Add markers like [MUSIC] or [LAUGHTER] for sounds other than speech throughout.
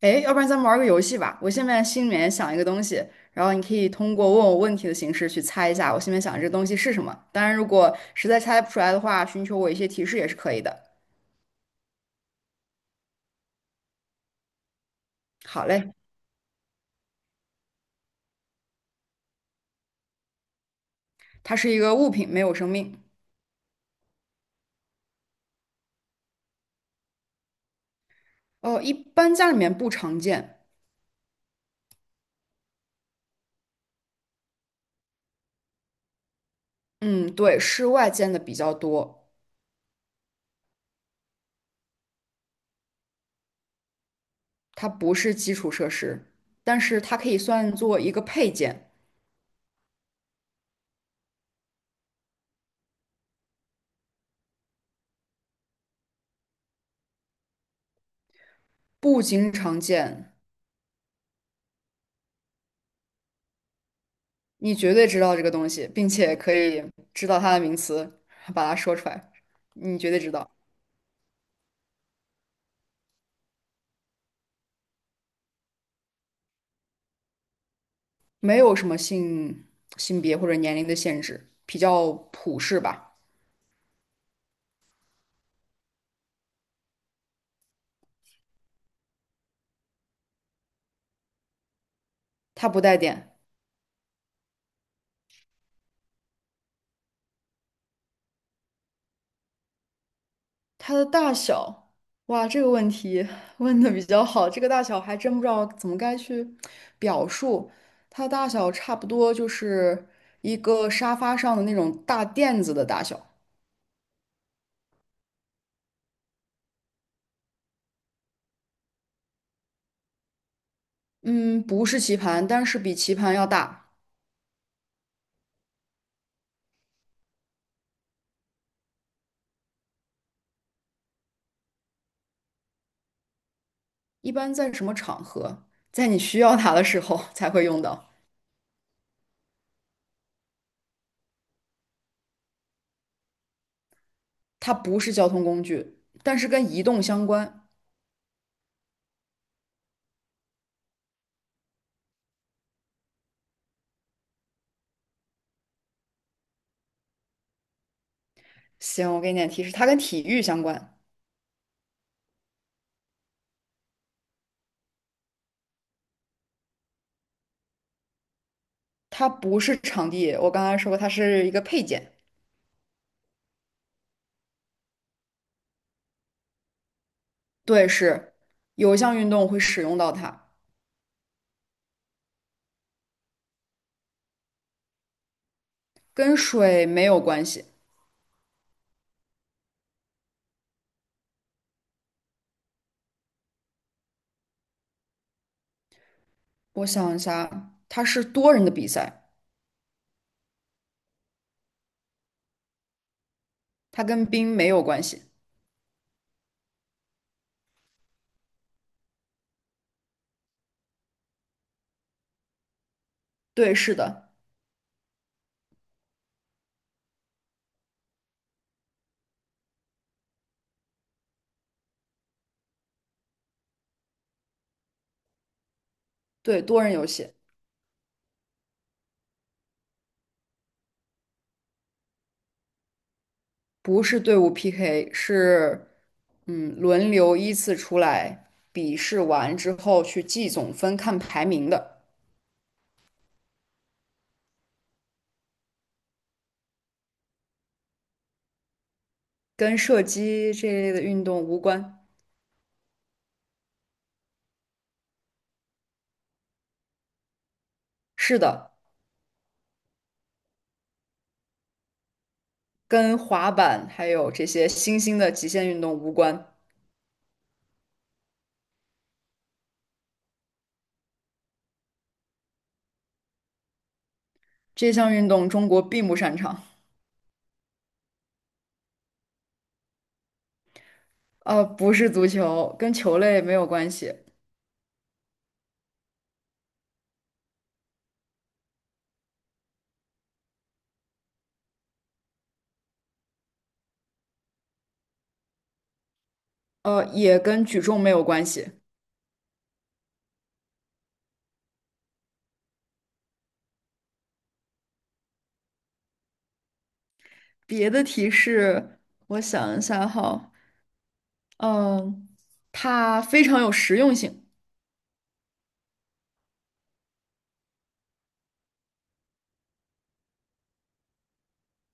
诶，要不然咱们玩个游戏吧。我现在心里面想一个东西，然后你可以通过问我问题的形式去猜一下我心里面想的这个东西是什么。当然，如果实在猜不出来的话，寻求我一些提示也是可以的。好嘞，它是一个物品，没有生命。哦，一般家里面不常见。嗯，对，室外见的比较多。它不是基础设施，但是它可以算作一个配件，不经常见。你绝对知道这个东西，并且可以知道它的名词，把它说出来，你绝对知道。没有什么性别或者年龄的限制，比较普适吧。它不带电，它的大小，哇，这个问题问的比较好，这个大小还真不知道怎么该去表述。它的大小差不多就是一个沙发上的那种大垫子的大小，嗯，不是棋盘，但是比棋盘要大。一般在什么场合，在你需要它的时候 [LAUGHS] 才会用到。它不是交通工具，但是跟移动相关。行，我给你点提示，它跟体育相关。它不是场地，我刚才说过，它是一个配件。对，是有一项运动会使用到它，跟水没有关系。我想一下，它是多人的比赛，它跟冰没有关系。对，是的，对，多人游戏。不是队伍 PK，是轮流依次出来，比试完之后去计总分看排名的，跟射击这一类的运动无关。是的，跟滑板还有这些新兴的极限运动无关。这项运动中国并不擅长。不是足球，跟球类没有关系，也跟举重没有关系。别的提示，我想一下哈，嗯、它非常有实用性。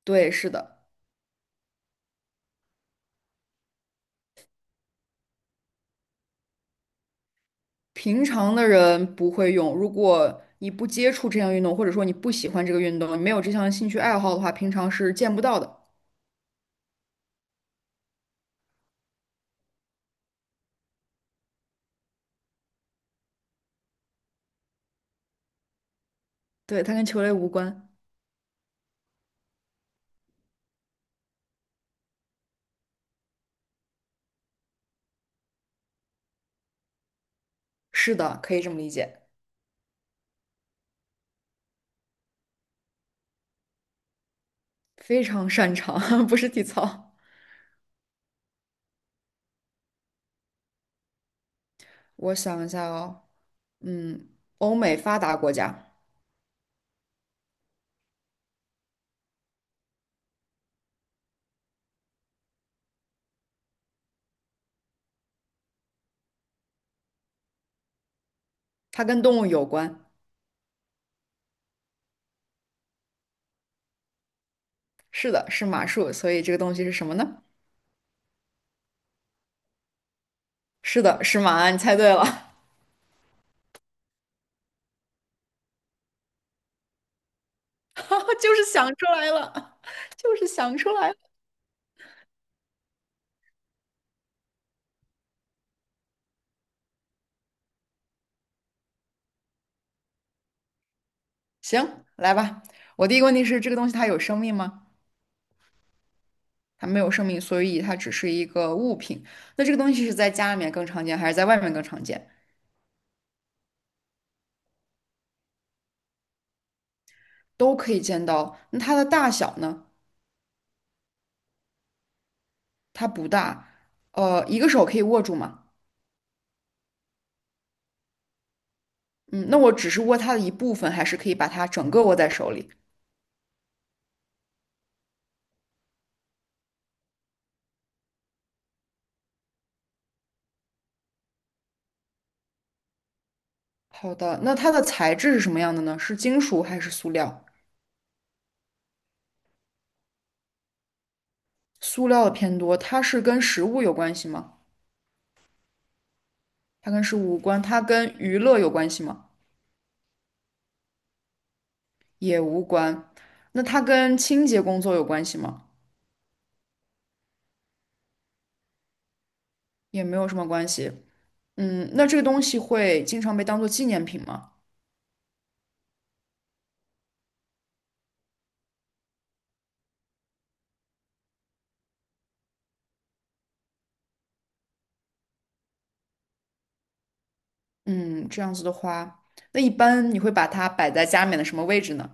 对，是的，平常的人不会用。如果你不接触这项运动，或者说你不喜欢这个运动，你没有这项兴趣爱好的话，平常是见不到的。对，它跟球类无关。是的，可以这么理解。非常擅长，[LAUGHS] 不是体操。我想一下哦，嗯，欧美发达国家，它跟动物有关。是的，是马术，所以这个东西是什么呢？是的，是马，你猜对了，[LAUGHS] 就是想出来了，[LAUGHS] 就是想出来了。行，来吧。我第一个问题是，这个东西它有生命吗？它没有生命，所以它只是一个物品。那这个东西是在家里面更常见，还是在外面更常见？都可以见到。那它的大小呢？它不大，一个手可以握住吗？嗯，那我只是握它的一部分，还是可以把它整个握在手里？好的，那它的材质是什么样的呢？是金属还是塑料？塑料的偏多。它是跟食物有关系吗？它跟食物无关。它跟娱乐有关系吗？也无关。那它跟清洁工作有关系吗？也没有什么关系。嗯，那这个东西会经常被当做纪念品吗？嗯，这样子的话，那一般你会把它摆在家里面的什么位置呢？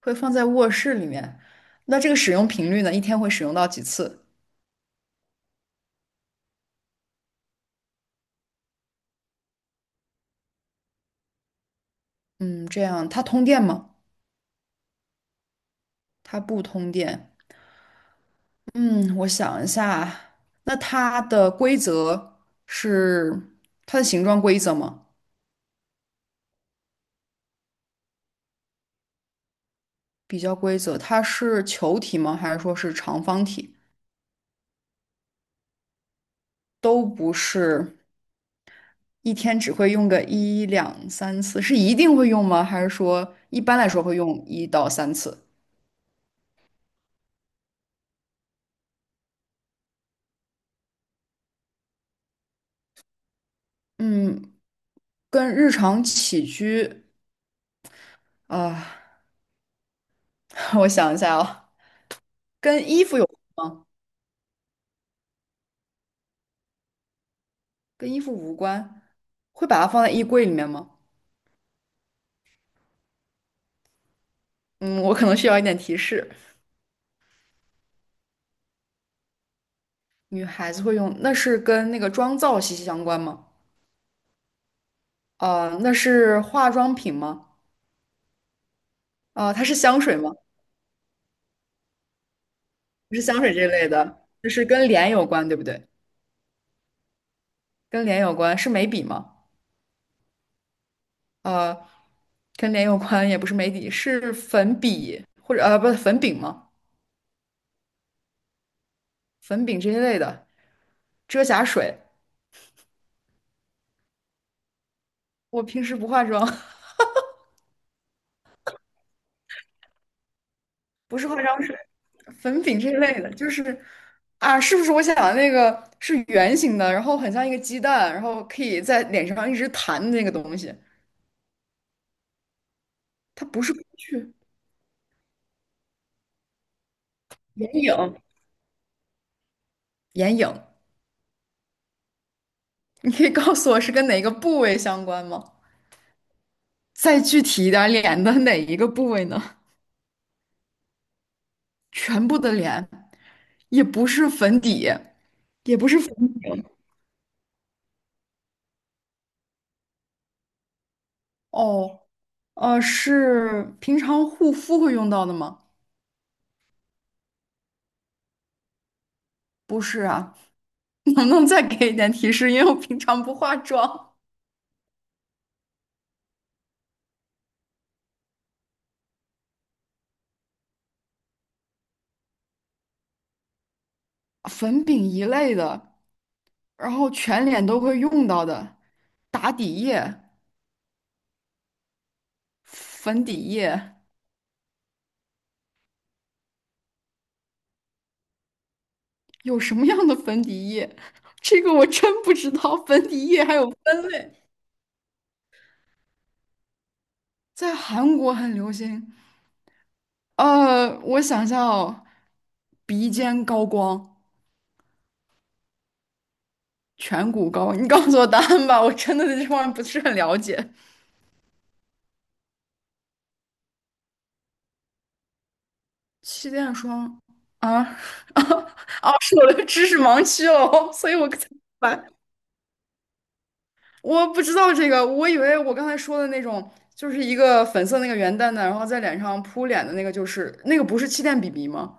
会放在卧室里面。那这个使用频率呢？一天会使用到几次？嗯，这样它通电吗？它不通电。嗯，我想一下啊，那它的规则是它的形状规则吗？比较规则，它是球体吗？还是说是长方体？都不是，一天只会用个一两三次，是一定会用吗？还是说一般来说会用一到三次？嗯，跟日常起居啊，[LAUGHS] 我想一下啊，跟衣服有，跟衣服无关，会把它放在衣柜里面吗？嗯，我可能需要一点提示。女孩子会用，那是跟那个妆造息息相关吗？啊、那是化妆品吗？啊、它是香水吗？不是香水这类的，就是跟脸有关，对不对？跟脸有关是眉笔吗？呃，跟脸有关也不是眉笔，是粉笔或者呃不粉饼吗？粉饼这一类的，遮瑕水。我平时不化妆，[LAUGHS] 不是化妆水，粉饼这一类的，就是啊，是不是我想的那个是圆形的，然后很像一个鸡蛋，然后可以在脸上一直弹的那个东西？它不是工具，眼影，眼影。你可以告诉我是跟哪个部位相关吗？再具体一点脸的哪一个部位呢？全部的脸，也不是粉底，也不是粉饼。哦，是平常护肤会用到的吗？不是啊，[LAUGHS] 能不能再给一点提示？因为我平常不化妆。粉饼一类的，然后全脸都会用到的，打底液、粉底液，有什么样的粉底液？[LAUGHS] 这个我真不知道，粉底液还有分类，在韩国很流行。我想想哦，鼻尖高光，颧骨高光你告诉我答案吧，我真的对这方面不是很了解。气垫霜啊 [LAUGHS] 啊，哦是我的知识盲区了哦，所以我才明白我不知道这个，我以为我刚才说的那种，就是一个粉色那个圆蛋蛋，然后在脸上扑脸的那个，就是那个不是气垫 BB 吗？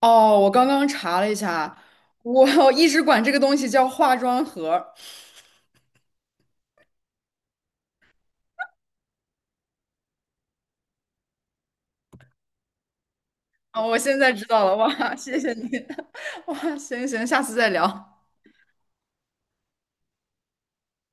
哦，我刚刚查了一下，我 [LAUGHS] 一直管这个东西叫化妆盒。哦，我现在知道了，哇，谢谢你，[LAUGHS] 哇，行行，下次再聊。